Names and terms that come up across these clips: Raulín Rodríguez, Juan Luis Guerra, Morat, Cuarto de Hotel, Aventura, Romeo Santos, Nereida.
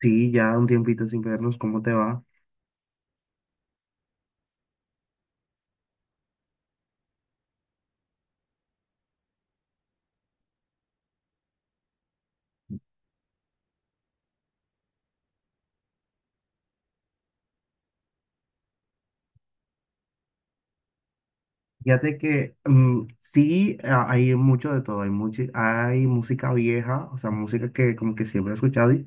Sí, ya un tiempito sin vernos, ¿cómo te va? Fíjate que sí, hay mucho de todo, hay música vieja, o sea, música que como que siempre he escuchado. Y,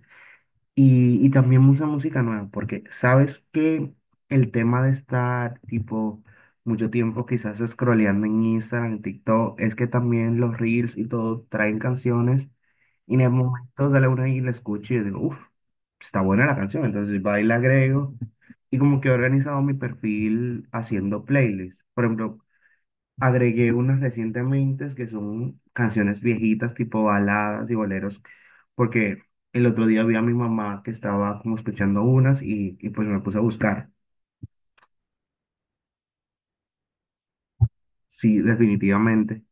y también mucha música nueva, porque sabes que el tema de estar tipo mucho tiempo quizás scrolleando en Instagram, en TikTok, es que también los reels y todo traen canciones y en el momento de la una y la escucho y yo digo, uff, está buena la canción, entonces va y la agrego y como que he organizado mi perfil haciendo playlists. Por ejemplo, agregué unas recientemente que son canciones viejitas, tipo baladas y boleros, porque el otro día vi a mi mamá que estaba como escuchando unas y pues me puse a buscar. Sí, definitivamente.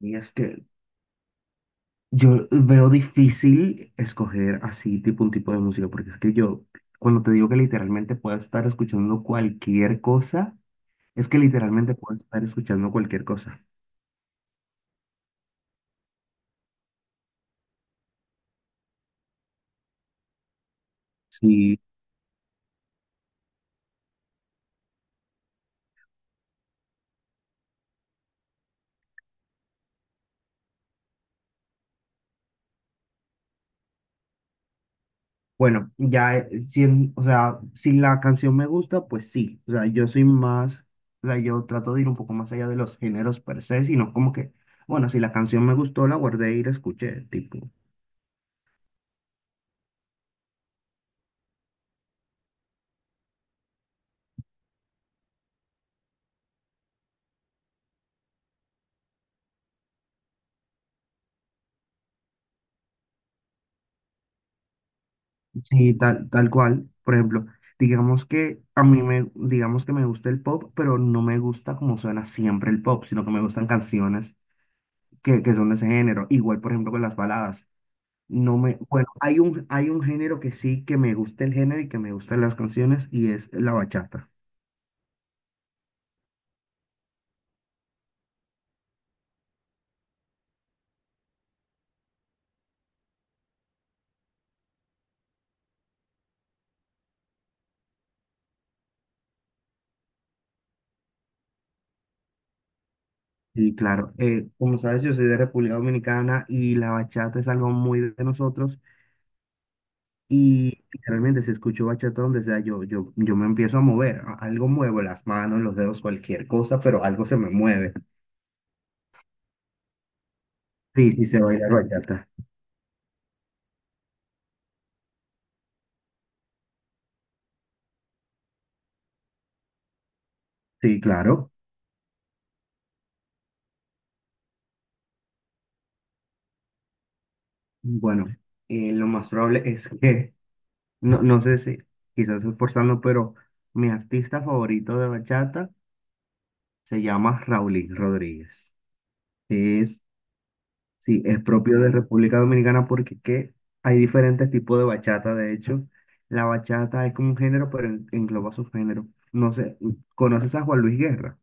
Y es que yo veo difícil escoger así tipo un tipo de música, porque es que yo, cuando te digo que literalmente puedo estar escuchando cualquier cosa, es que literalmente puedo estar escuchando cualquier cosa. Sí. Bueno, ya, o sea, si la canción me gusta, pues sí. O sea, yo soy más, o sea, yo trato de ir un poco más allá de los géneros per se, sino como que, bueno, si la canción me gustó, la guardé y la escuché, tipo. Sí, tal, tal cual. Por ejemplo, digamos que me gusta el pop, pero no me gusta como suena siempre el pop, sino que me gustan canciones que son de ese género. Igual, por ejemplo, con las baladas. No me, bueno, hay un género que sí que me gusta el género y que me gustan las canciones y es la bachata. Y claro, como sabes, yo soy de República Dominicana y la bachata es algo muy de nosotros. Y realmente si escucho bachata donde sea, yo me empiezo a mover. Algo muevo, las manos, los dedos, cualquier cosa, pero algo se me mueve. Sí, sí, se baila bachata. Sí, claro. Bueno, lo más probable es que, no, no sé si quizás esforzando, pero mi artista favorito de bachata. Se llama Raulín Rodríguez. Es, sí, es propio de República Dominicana porque ¿qué? Hay diferentes tipos de bachata. De hecho, la bachata es como un género, pero engloba subgéneros. No sé, ¿conoces a Juan Luis Guerra?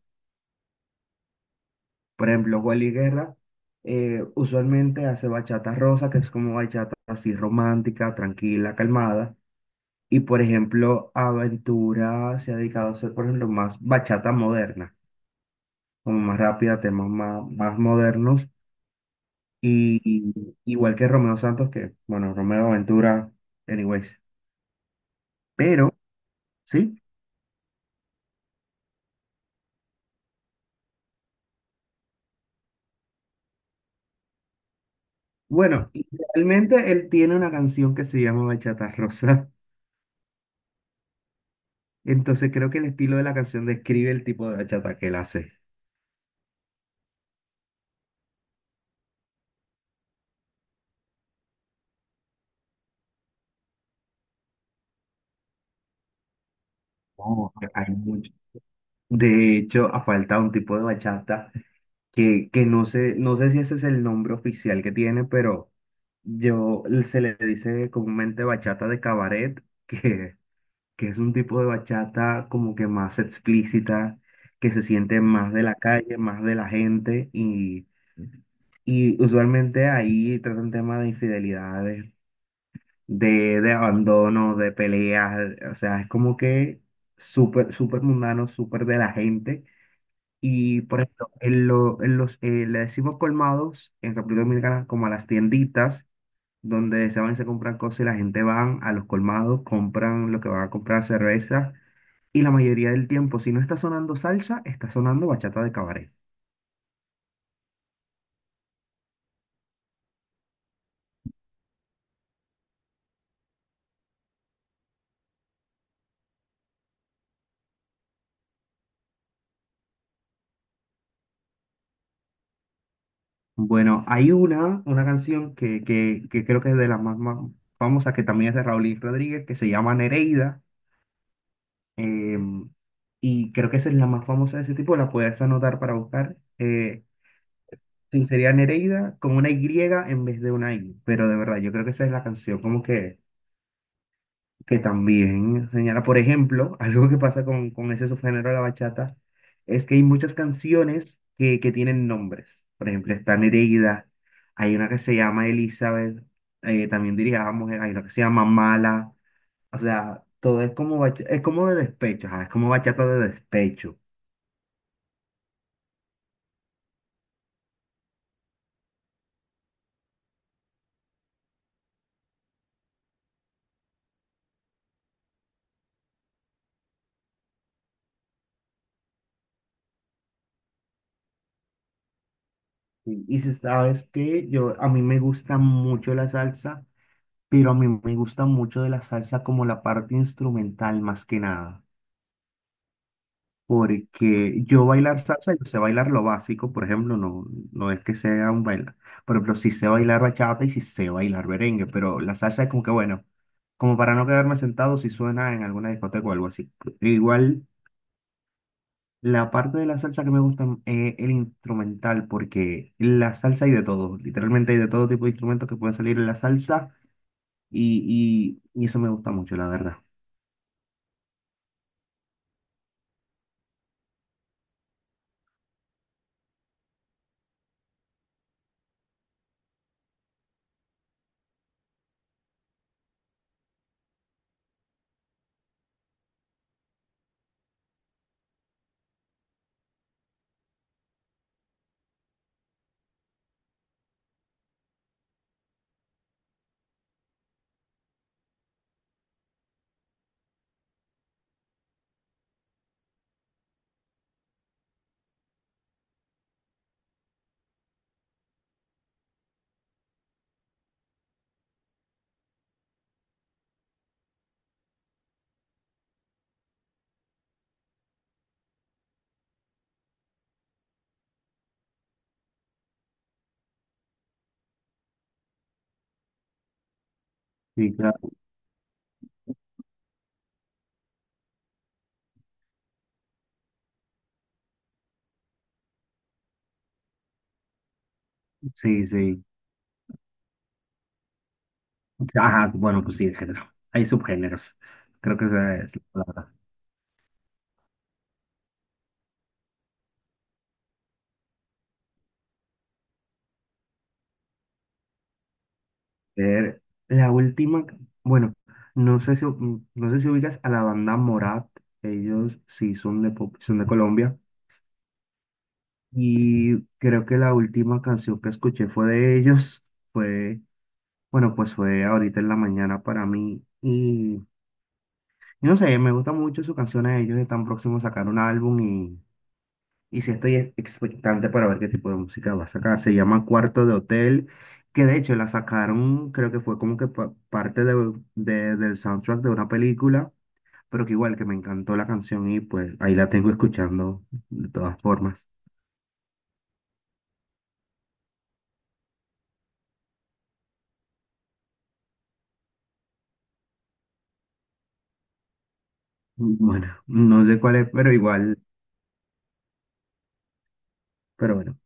Por ejemplo, Juan Luis Guerra usualmente hace bachata rosa, que es como bachata así romántica, tranquila, calmada. Y por ejemplo, Aventura se ha dedicado a hacer, por ejemplo, más bachata moderna, como más rápida, temas más modernos. Y, igual que Romeo Santos, que, bueno, Romeo Ventura, anyways. Pero, sí, bueno, y realmente él tiene una canción que se llama Bachata Rosa. Entonces creo que el estilo de la canción describe el tipo de bachata que él hace. Oh, hay mucho. De hecho, ha faltado un tipo de bachata que no sé, no sé si ese es el nombre oficial que tiene, pero yo se le dice comúnmente bachata de cabaret, que es un tipo de bachata como que más explícita, que se siente más de la calle, más de la gente y usualmente ahí tratan temas de infidelidades, de abandono, de peleas, o sea, es como que súper, súper mundano, súper de la gente. Y por ejemplo, en los, le decimos colmados en República Dominicana como a las tienditas donde se van y se compran cosas y la gente van a los colmados, compran lo que van a comprar, cerveza y la mayoría del tiempo, si no está sonando salsa, está sonando bachata de cabaret. Bueno, una canción que creo que es de las más, más famosas, que también es de Raúl y Rodríguez, que se llama Nereida. em, y creo que esa es la más famosa de ese tipo, la puedes anotar para buscar. Sí, sería Nereida con una Y en vez de una I. Pero de verdad, yo creo que esa es la canción como que también señala, por ejemplo, algo que pasa con ese subgénero de la bachata, es que hay muchas canciones que tienen nombres. Por ejemplo, está Nereida, hay una que se llama Elizabeth, también diría mujer, hay una que se llama Mala, o sea, todo es como, es como de despecho, ajá, es como bachata de despecho. Y si sabes que yo, a mí me gusta mucho la salsa, pero a mí me gusta mucho de la salsa como la parte instrumental más que nada. Porque yo bailar salsa, yo sé bailar lo básico, por ejemplo, no, no es que sea un bailar. Por ejemplo, sí sé bailar bachata y sí sé bailar merengue, pero la salsa es como que bueno, como para no quedarme sentado si suena en alguna discoteca o algo así. E igual, la parte de la salsa que me gusta es el instrumental, porque la salsa hay de todo, literalmente hay de todo tipo de instrumentos que pueden salir en la salsa y eso me gusta mucho, la verdad. Sí, claro. Sí, sí. Ajá, bueno, pues sí, de género. Hay subgéneros. Creo que esa es la palabra. Ver, la última, bueno, no sé si, no sé si ubicas a la banda Morat. Ellos sí son de, son de Colombia. Y creo que la última canción que escuché fue de ellos. Fue, bueno, pues fue ahorita en la mañana para mí. Y no sé, me gusta mucho su canción a ellos. Están próximos a sacar un álbum y sí estoy expectante para ver qué tipo de música va a sacar. Se llama Cuarto de Hotel, que de hecho la sacaron, creo que fue como que parte del soundtrack de una película, pero que igual que me encantó la canción y pues ahí la tengo escuchando de todas formas. Bueno, no sé cuál es, pero igual, pero bueno,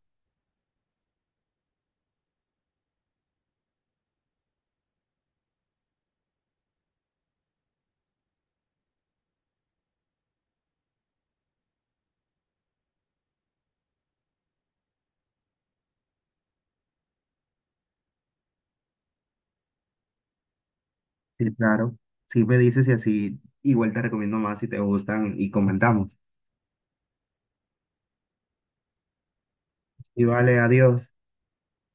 sí, claro. Si me dices y así, igual te recomiendo más si te gustan y comentamos. Y vale, adiós.